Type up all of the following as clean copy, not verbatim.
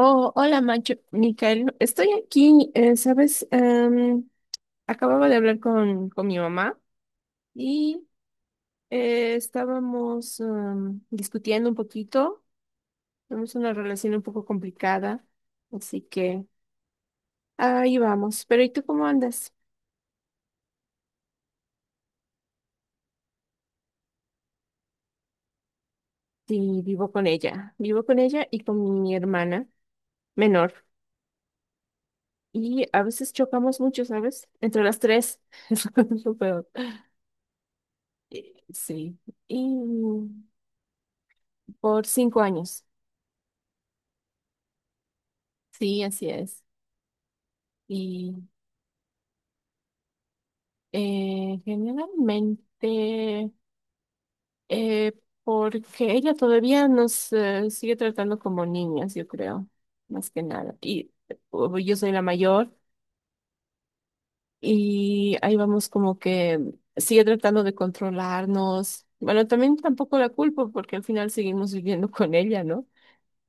Oh, hola, Macho, Micael. Estoy aquí, ¿sabes? Acababa de hablar con mi mamá y estábamos discutiendo un poquito. Tenemos una relación un poco complicada, así que ahí vamos. Pero ¿y tú cómo andas? Sí, vivo con ella. Vivo con ella y con mi hermana menor. Y a veces chocamos mucho, ¿sabes? Entre las tres. Es lo peor. Sí. Y por 5 años. Sí, así es. Y generalmente, eh, porque ella todavía nos sigue tratando como niñas, yo creo, más que nada. Y yo soy la mayor y ahí vamos como que sigue tratando de controlarnos. Bueno, también tampoco la culpo porque al final seguimos viviendo con ella, ¿no?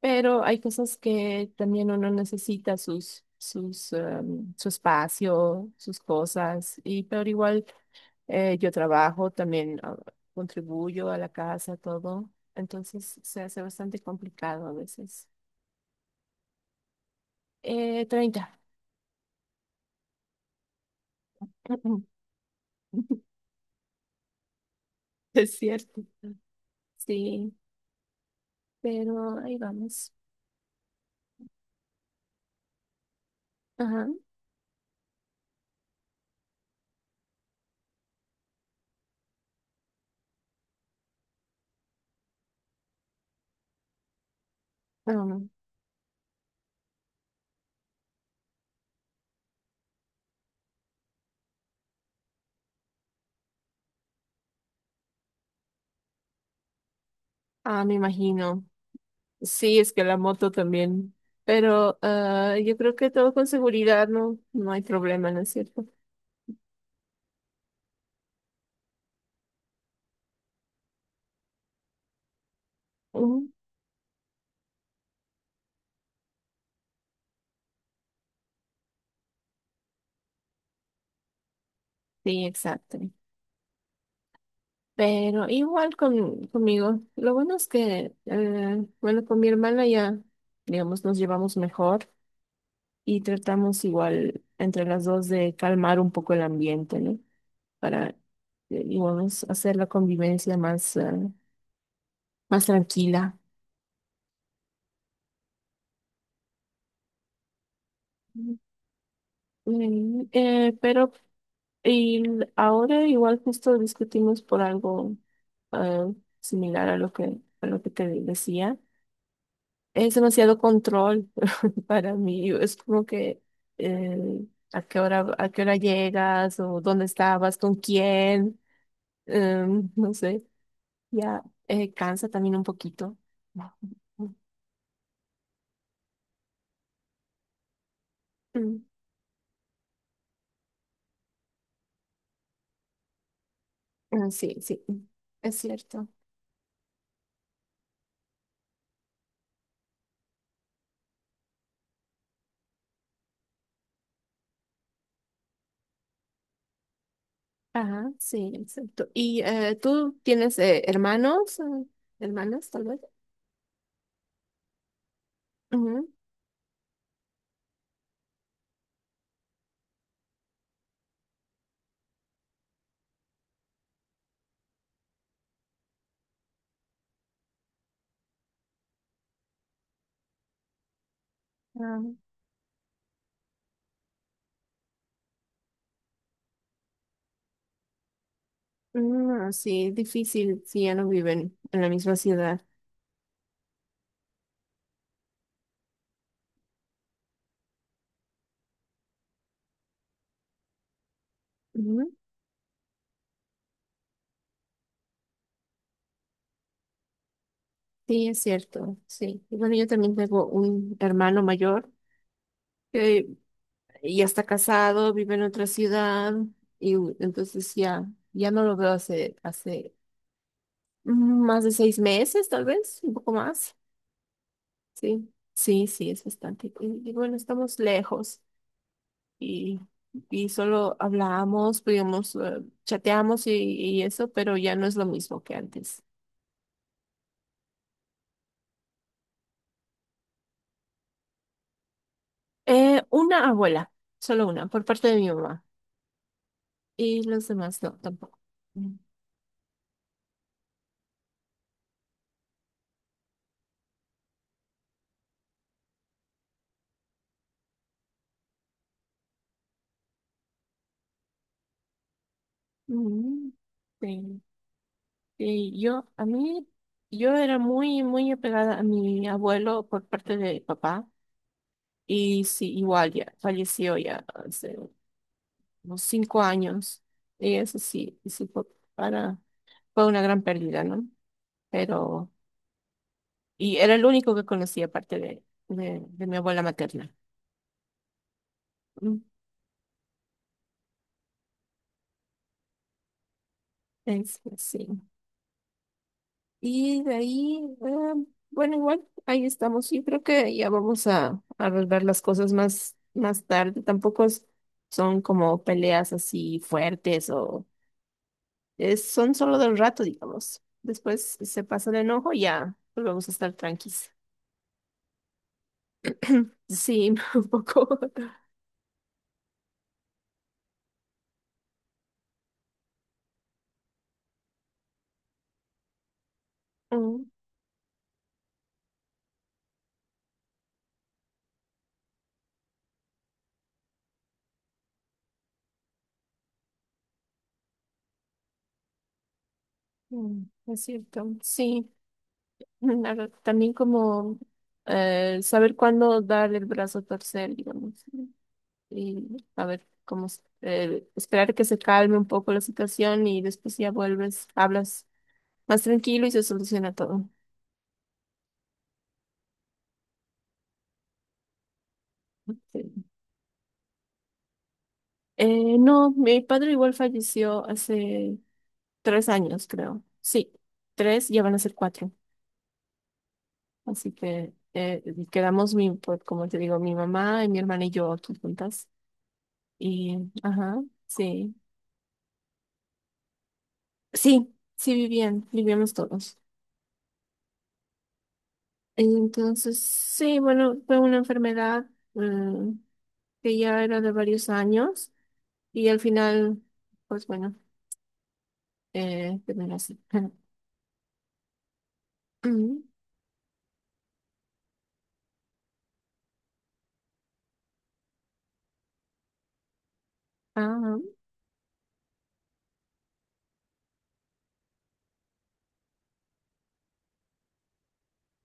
Pero hay cosas que también uno necesita sus, su espacio, sus cosas, y pero igual. Yo trabajo, también contribuyo a la casa, todo. Entonces se hace bastante complicado a veces. 30. Es cierto. Sí, pero ahí vamos. Ajá. Ah, ah, me imagino. Sí, es que la moto también. Pero yo creo que todo con seguridad, no hay problema, ¿no es cierto? Ujú. Sí, exacto. Pero igual conmigo. Lo bueno es que, bueno, con mi hermana ya, digamos, nos llevamos mejor y tratamos igual entre las dos de calmar un poco el ambiente, ¿no? Para, digamos, hacer la convivencia más tranquila. Pero ahora igual justo discutimos por algo eh, similar a lo que, te decía. Es demasiado control. Para mí es como que eh, a qué hora llegas o dónde estabas, con quién, no sé, ya cansa también un poquito. Mm, mm, sí, sí, es cierto. Ajá, sí, exacto. ¿Y tú tienes hermanos, hermanas tal vez? Ujú. Ah, mm, ah, sí, difícil si ya no viven en la misma ciudad. Ujú. Sí, es cierto, sí. Y bueno, yo también tengo un hermano mayor. eh, ya está casado, vive en otra ciudad y entonces ya, ya no lo veo hace más de 6 meses, tal vez, un poco más. Sí, sí, sí, es bastante. Y bueno, estamos lejos y, y solo hablamos, digamos, chateamos y eso, pero ya no es lo mismo que antes. Una abuela, solo una, por parte de mi mamá. Y los demás no, tampoco. Mm. Mm, sí. Y yo, a mí, yo era muy, muy apegada a mi abuelo por parte de papá. Y sí, igual ya, falleció ya hace unos 5 años. Y eso sí, y sí fue para, fue una gran pérdida, ¿no? Pero, y era el único que conocía aparte de mi abuela materna. Mm, Es, pues sí. Y de ahí, bueno, igual, ahí estamos. Yo creo que ya vamos a arreglar las cosas más, más tarde. Tampoco son como peleas así fuertes o son solo del rato, digamos. Después se pasa el enojo y ya volvemos a estar tranquilos. Sí, un poco. Mm, es cierto. Sí, la verdad, también como saber cuándo dar el brazo a torcer, digamos. Y a ver cómo esperar que se calme un poco la situación y después ya vuelves, hablas más tranquilo y se soluciona todo. Sí. No, mi padre igual falleció hace 3 años, creo. Sí, tres, ya van a ser cuatro. Así que quedamos, pues, como te digo, mi mamá y mi hermana y yo aquí juntas. Y, ajá, sí. Sí, sí vivían, vivíamos todos. Entonces, sí, bueno, fue una enfermedad eh, que ya era de varios años y al final, pues bueno, terminó así. Ah,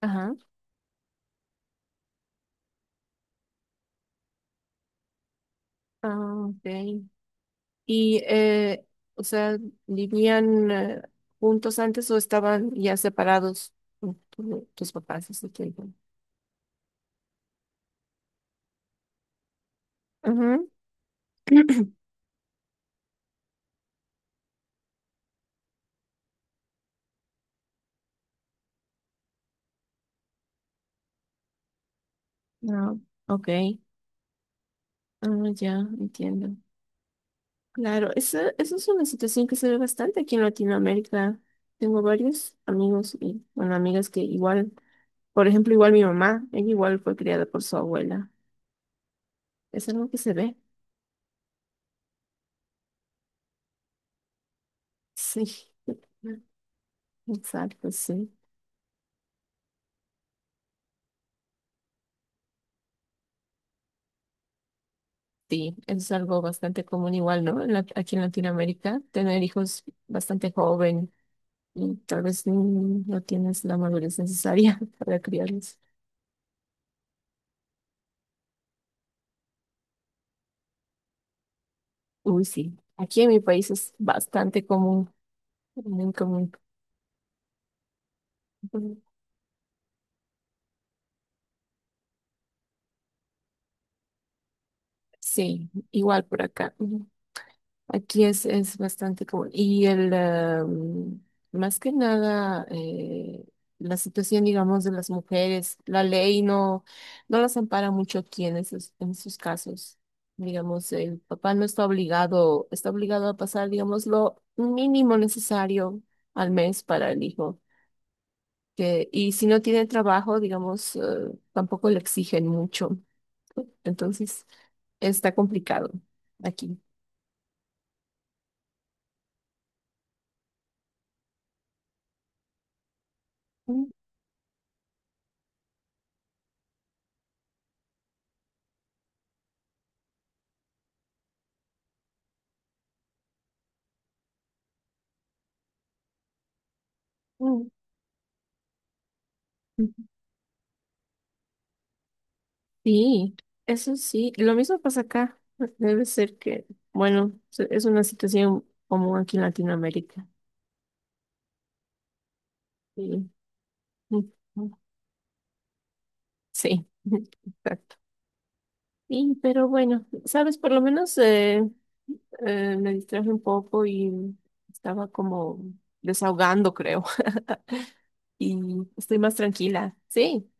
ajá, ah, ok. Y, o sea, ¿vivían juntos antes o estaban ya separados tus papás? Así que, ujú. Ah, ok. Ah, ya, entiendo. Claro, esa es una situación que se ve bastante aquí en Latinoamérica. Tengo varios amigos y, bueno, amigas que igual. Por ejemplo, igual mi mamá, ella igual fue criada por su abuela. Es algo que se ve. Sí, exacto, sí. Sí, es algo bastante común igual, ¿no? Aquí en Latinoamérica, tener hijos bastante joven y tal vez no tienes la madurez necesaria para criarlos. Uy, sí. Aquí en mi país es bastante común, muy común. Ujú. Sí, igual por acá. Aquí es bastante común. Más que nada, la situación, digamos, de las mujeres, la ley no las ampara mucho aquí en esos casos. Digamos, el papá no está obligado, está obligado a pasar, digamos, lo mínimo necesario al mes para el hijo. Que, y si no tiene trabajo, digamos, tampoco le exigen mucho. Entonces, está complicado aquí. Mm, mm. Sí, eso sí. Lo mismo pasa acá. Debe ser que, bueno, es una situación común aquí en Latinoamérica. Sí, sí, exacto. Sí, pero bueno, sabes, por lo menos me distraje un poco y estaba como desahogando, creo. Y estoy más tranquila. Sí,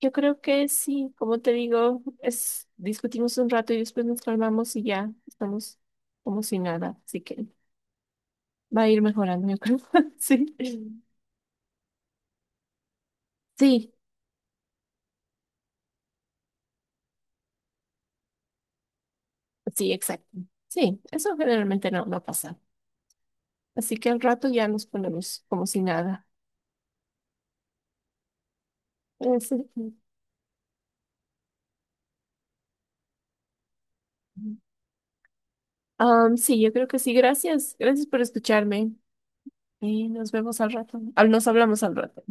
yo creo que sí, como te digo, es discutimos un rato y después nos calmamos y ya estamos como si nada. Así que. Va a ir mejorando, yo creo. Sí. Sí, sí, exacto. Sí, eso generalmente no pasa. Así que al rato ya nos ponemos como si nada. Ese. Sí, yo creo que sí. Gracias. Gracias por escucharme. Y nos vemos al rato. Ah, nos hablamos al rato.